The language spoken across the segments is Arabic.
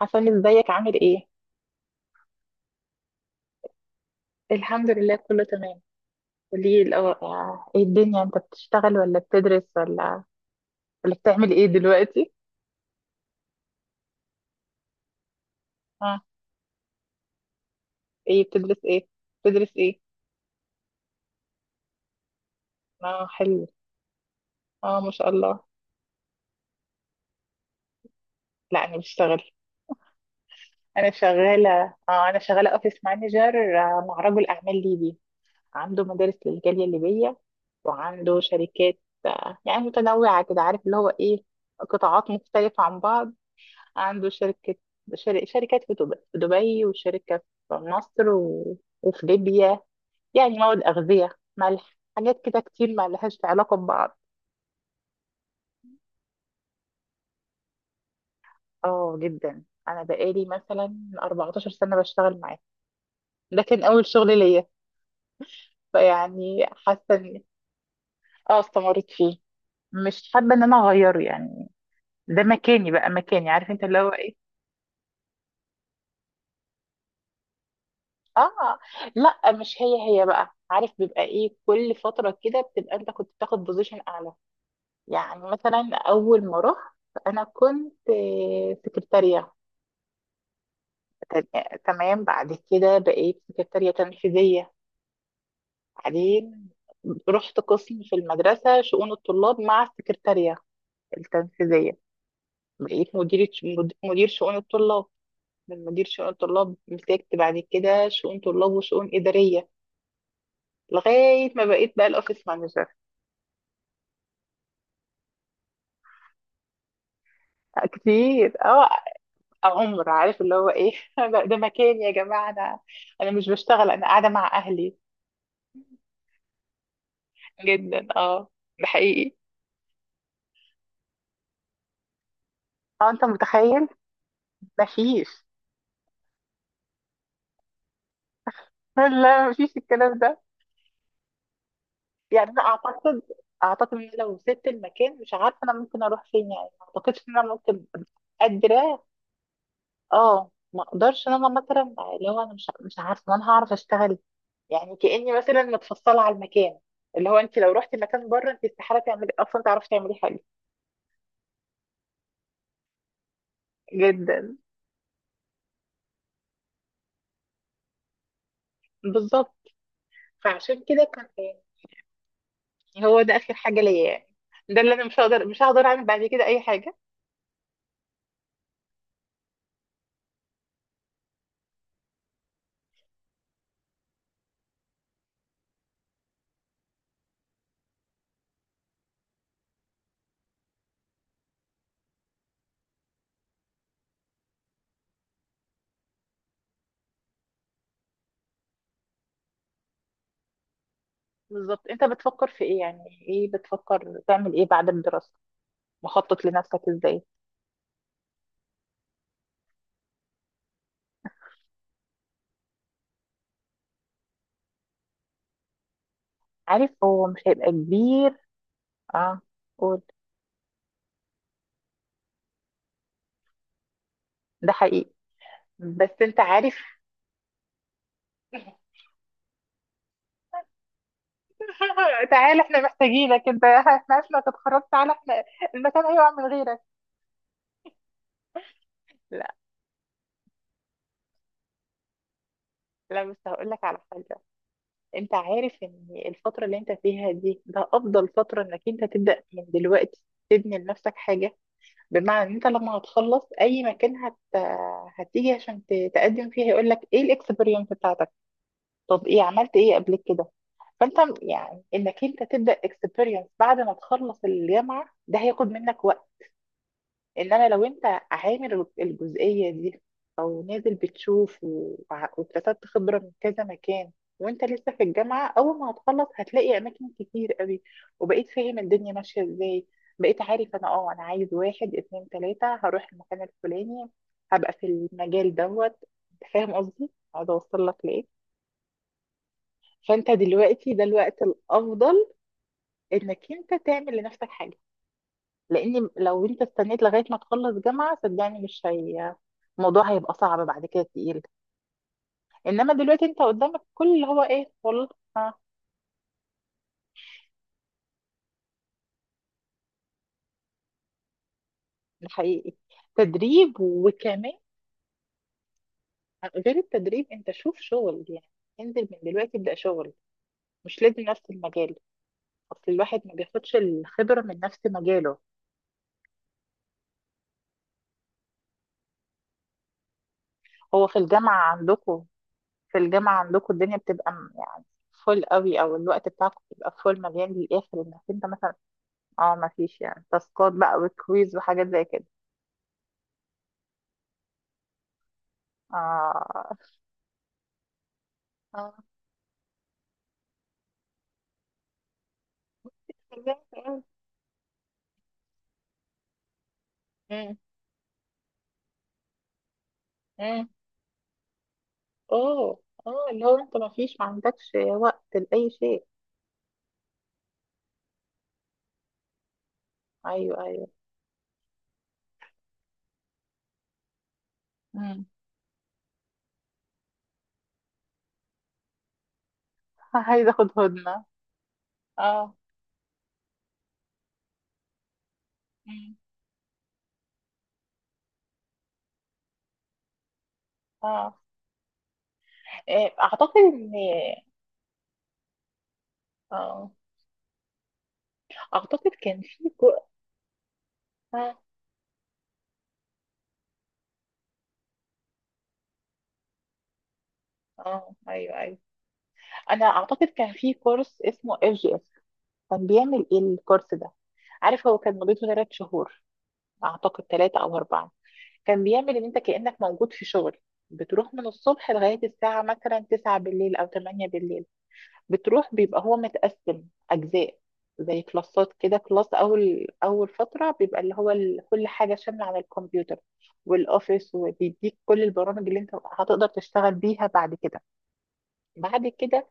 حسن، ازيك عامل ايه؟ الحمد لله، كله تمام. قولي الأول، ايه الدنيا، انت بتشتغل ولا بتدرس ولا بتعمل ايه دلوقتي؟ اه، ايه بتدرس ايه؟ بتدرس ايه؟ اه، حلو. اه، ما شاء الله. لا، انا بشتغل. انا شغالة. اه، انا شغالة اوفيس مانجر، مع رجل اعمال ليبي. عنده مدارس للجالية الليبية، وعنده شركات. يعني متنوعة كده، عارف اللي هو ايه، قطاعات مختلفة عن بعض. عنده شركة، شركات في دبي، وشركة في مصر وفي ليبيا، يعني مواد أغذية، ملح، حاجات كده كتير ما لهاش علاقة ببعض. اه جدا، أنا بقالي مثلا 14 سنة بشتغل معاه. ده كان أول شغل ليا. فيعني حاسة إن. اه، استمريت فيه. مش حابة إن أنا أغيره يعني. ده مكاني بقى، مكاني، عارف انت اللي هو ايه. اه، لا، مش هي هي بقى، عارف بيبقى ايه، كل فترة كده بتبقى انت كنت بتاخد بوزيشن اعلى. يعني مثلا أول ما رحت أنا كنت سكرتارية. تمام، بعد كده بقيت سكرتارية تنفيذية. بعدين رحت قسم في المدرسة، شؤون الطلاب مع السكرتارية التنفيذية. بقيت مديرة، مدير شؤون الطلاب. من مدير شؤون الطلاب مسكت بعد كده شؤون طلاب وشؤون إدارية، لغاية ما بقيت بقى الأوفيس مانجر. كتير، اه. عمر عارف اللي هو ايه. ده مكان يا جماعة. أنا مش بشتغل، انا قاعده مع اهلي. جدا، اه. ده حقيقي. اه، انت متخيل، مفيش. لا، مفيش الكلام ده. يعني انا اعتقد، ان لو سبت المكان، مش عارفه انا ممكن اروح فين يعني. ما اعتقدش ان انا ممكن، قادره. اه، ما اقدرش ان انا مثلا اللي هو انا مش عارفه إن انا هعرف اشتغل. يعني كاني مثلا متفصله على المكان. اللي هو انت لو رحتي مكان بره، انت استحاله تعملي، اصلا تعرفي تعملي حاجه. جدا. بالظبط. فعشان كده كان، يعني هو ده اخر حاجه ليا يعني. ده اللي انا مش هقدر، اعمل بعد كده اي حاجه. بالظبط. انت بتفكر في ايه يعني؟ ايه بتفكر تعمل ايه بعد الدراسة؟ مخطط لنفسك ازاي؟ عارف، هو مش هيبقى كبير. اه، قول. ده حقيقي. بس انت عارف. تعالى، احنا محتاجينك انت، احنا عارفين انك اتخرجت، تعالى احنا. المكان هيقع من غيرك. لا، لا، بس هقول لك على حاجة. انت عارف ان الفترة اللي انت فيها دي، ده افضل فترة انك انت تبدأ من دلوقتي، تبني لنفسك حاجة. بمعنى ان انت لما هتخلص اي مكان، هتيجي عشان تقدم فيه، هيقول لك ايه الاكسبيرينس بتاعتك؟ طب ايه، عملت ايه قبل كده؟ فانت يعني انك انت تبدا اكسبيرينس بعد ما تخلص الجامعه، ده هياخد منك وقت. ان انا لو انت عامل الجزئيه دي، او نازل بتشوف واكتسبت خبره من كذا مكان، وانت لسه في الجامعه، اول ما هتخلص هتلاقي اماكن كتير قوي. وبقيت فاهم الدنيا ماشيه ازاي. بقيت عارف، انا عايز واحد اتنين تلاته، هروح المكان الفلاني، هبقى في المجال دوت. فاهم قصدي؟ اقعد اوصل لك لايه. فانت دلوقتي ده الوقت الافضل انك انت تعمل لنفسك حاجه، لان لو انت استنيت لغايه ما تخلص جامعه، صدقني مش هي، الموضوع هيبقى صعب بعد كده، تقيل. انما دلوقتي انت قدامك كل اللي هو ايه، والله. ها، ده حقيقي. تدريب وكمان، غير التدريب انت شوف شغل يعني. انزل من دلوقتي، ابدا شغل. مش لازم نفس المجال، اصل الواحد ما بياخدش الخبره من نفس مجاله. هو في الجامعه عندكم، الدنيا بتبقى يعني فول قوي، او الوقت بتاعكم بيبقى فول مليان للاخر، انك انت مثلا، اه، ما فيش يعني تاسكات بقى وكويز وحاجات زي كده. اه، اه. امم، امم. اوه، اه، اللي هو انت ما عندكش وقت لأي شيء. ايوه، ايوه. امم. عايزه اخد هدنه. اه. مم. اه. إيه، اعتقد ان، اه، اعتقد كان في اه، اه، ايوه، ايوه، انا اعتقد كان في كورس اسمه FGS. كان بيعمل ايه الكورس ده؟ عارف، هو كان مدته 3 شهور، اعتقد ثلاثة او اربعة. كان بيعمل ان انت كأنك موجود في شغل، بتروح من الصبح لغاية الساعة مثلا 9 بالليل او 8 بالليل. بتروح بيبقى هو متقسم اجزاء، زي كلاسات كده. كلاس اول، اول فترة بيبقى اللي هو كل حاجة شاملة على الكمبيوتر والاوفيس، وبيديك كل البرامج اللي انت هتقدر تشتغل بيها بعد كده. بعد كده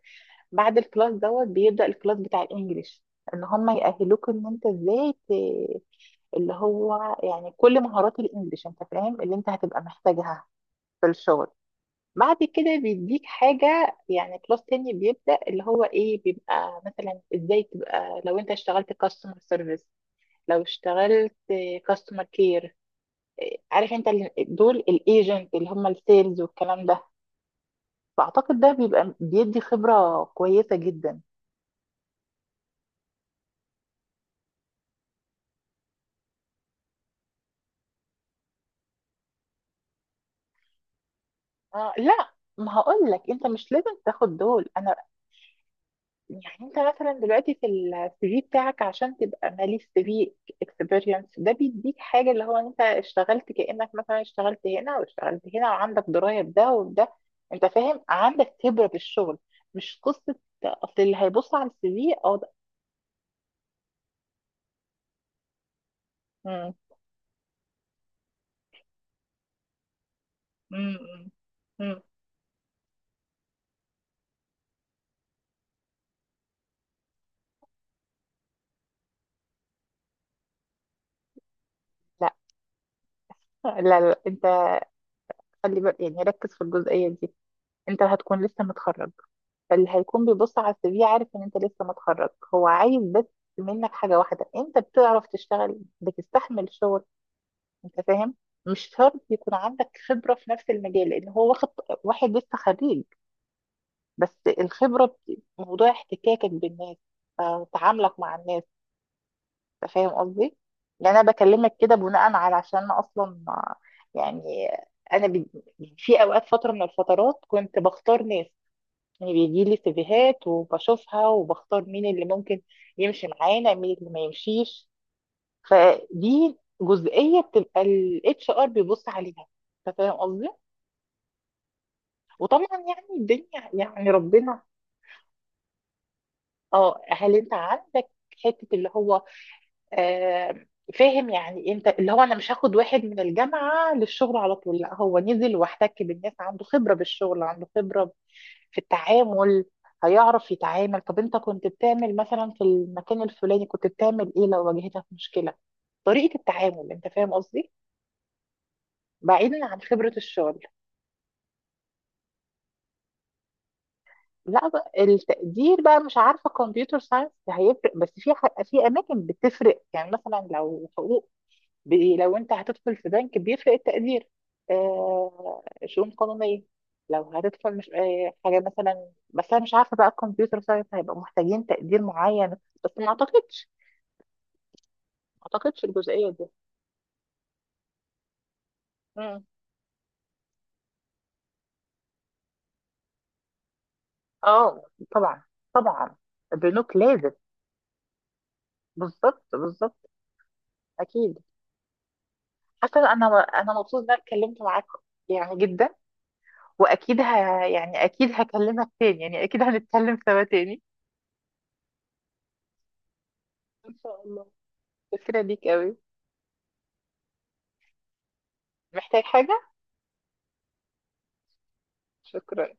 بعد الكلاس دوت، بيبدأ الكلاس بتاع الانجليش، ان هم يأهلوك ان انت ازاي اللي هو يعني كل مهارات الانجليش انت فاهم اللي انت هتبقى محتاجها في الشغل. بعد كده بيديك حاجة، يعني كلاس تاني بيبدأ اللي هو ايه، بيبقى مثلا ازاي تبقى، لو انت اشتغلت كاستمر سيرفيس، لو اشتغلت كاستمر كير. عارف انت دول الايجنت اللي هم السيلز والكلام ده. فاعتقد ده بيبقى بيدي خبرة كويسة جدا. آه، لا، ما هقول لك، انت مش لازم تاخد دول. انا يعني انت مثلا دلوقتي في السي في بتاعك، عشان تبقى مالي السي في اكسبيرينس، ده بيديك حاجه اللي هو انت اشتغلت كانك مثلا اشتغلت هنا واشتغلت هنا، وعندك درايه بده وده. انت فاهم عندك خبره بالشغل، مش قصه. اصل اللي هيبص على السي في، ده. مم، مم، مم، مم. لا، لا، لا، انت خلي بالك، يعني ركز في الجزئيه دي. انت هتكون لسه متخرج، اللي هيكون بيبص على السي في عارف ان انت لسه متخرج. هو عايز بس منك حاجة واحدة، انت بتعرف تشتغل، بتستحمل شغل. انت فاهم؟ مش شرط يكون عندك خبرة في نفس المجال، لان هو واخد واحد لسه خريج بس. الخبرة موضوع احتكاكك بالناس، تعاملك مع الناس. انت فاهم قصدي؟ يعني انا بكلمك كده بناء على، عشان انا اصلا، يعني انا في اوقات، فترة من الفترات كنت بختار ناس. يعني بيجي لي سيفيهات وبشوفها وبختار مين اللي ممكن يمشي معانا مين اللي ما يمشيش. فدي جزئية بتبقى الاتش ار بيبص عليها. انت فاهم قصدي؟ وطبعا يعني الدنيا يعني ربنا. اه، هل انت عندك حتة اللي هو، آه فاهم، يعني انت اللي هو انا مش هاخد واحد من الجامعة للشغل على طول. لا، هو نزل واحتك بالناس، عنده خبرة بالشغل، عنده خبرة في التعامل. هيعرف يتعامل. طب انت كنت بتعمل مثلا في المكان الفلاني، كنت بتعمل ايه لو واجهتك مشكلة؟ طريقة التعامل، انت فاهم قصدي؟ بعيدا عن خبرة الشغل. لا، بقى التقدير بقى، مش عارفة كمبيوتر ساينس هيفرق، بس في في اماكن بتفرق، يعني مثلا لو حقوق، لو انت هتدخل في بنك بيفرق التقدير. آه، شؤون قانونية، لو هتدخل، مش آه حاجة مثلا، بس انا مش عارفة بقى الكمبيوتر ساينس هيبقى محتاجين تقدير معين. بس ما اعتقدش، الجزئيه دي. مم. اه، طبعا، طبعا. بنوك لازم. بالظبط، بالظبط، اكيد. حسن، انا مبسوط ان انا اتكلمت معاك، يعني جدا. واكيد يعني اكيد هكلمك تاني، يعني اكيد هنتكلم سوا تاني. ان شاء الله. شكرا ليك قوي. محتاج حاجه؟ شكرا.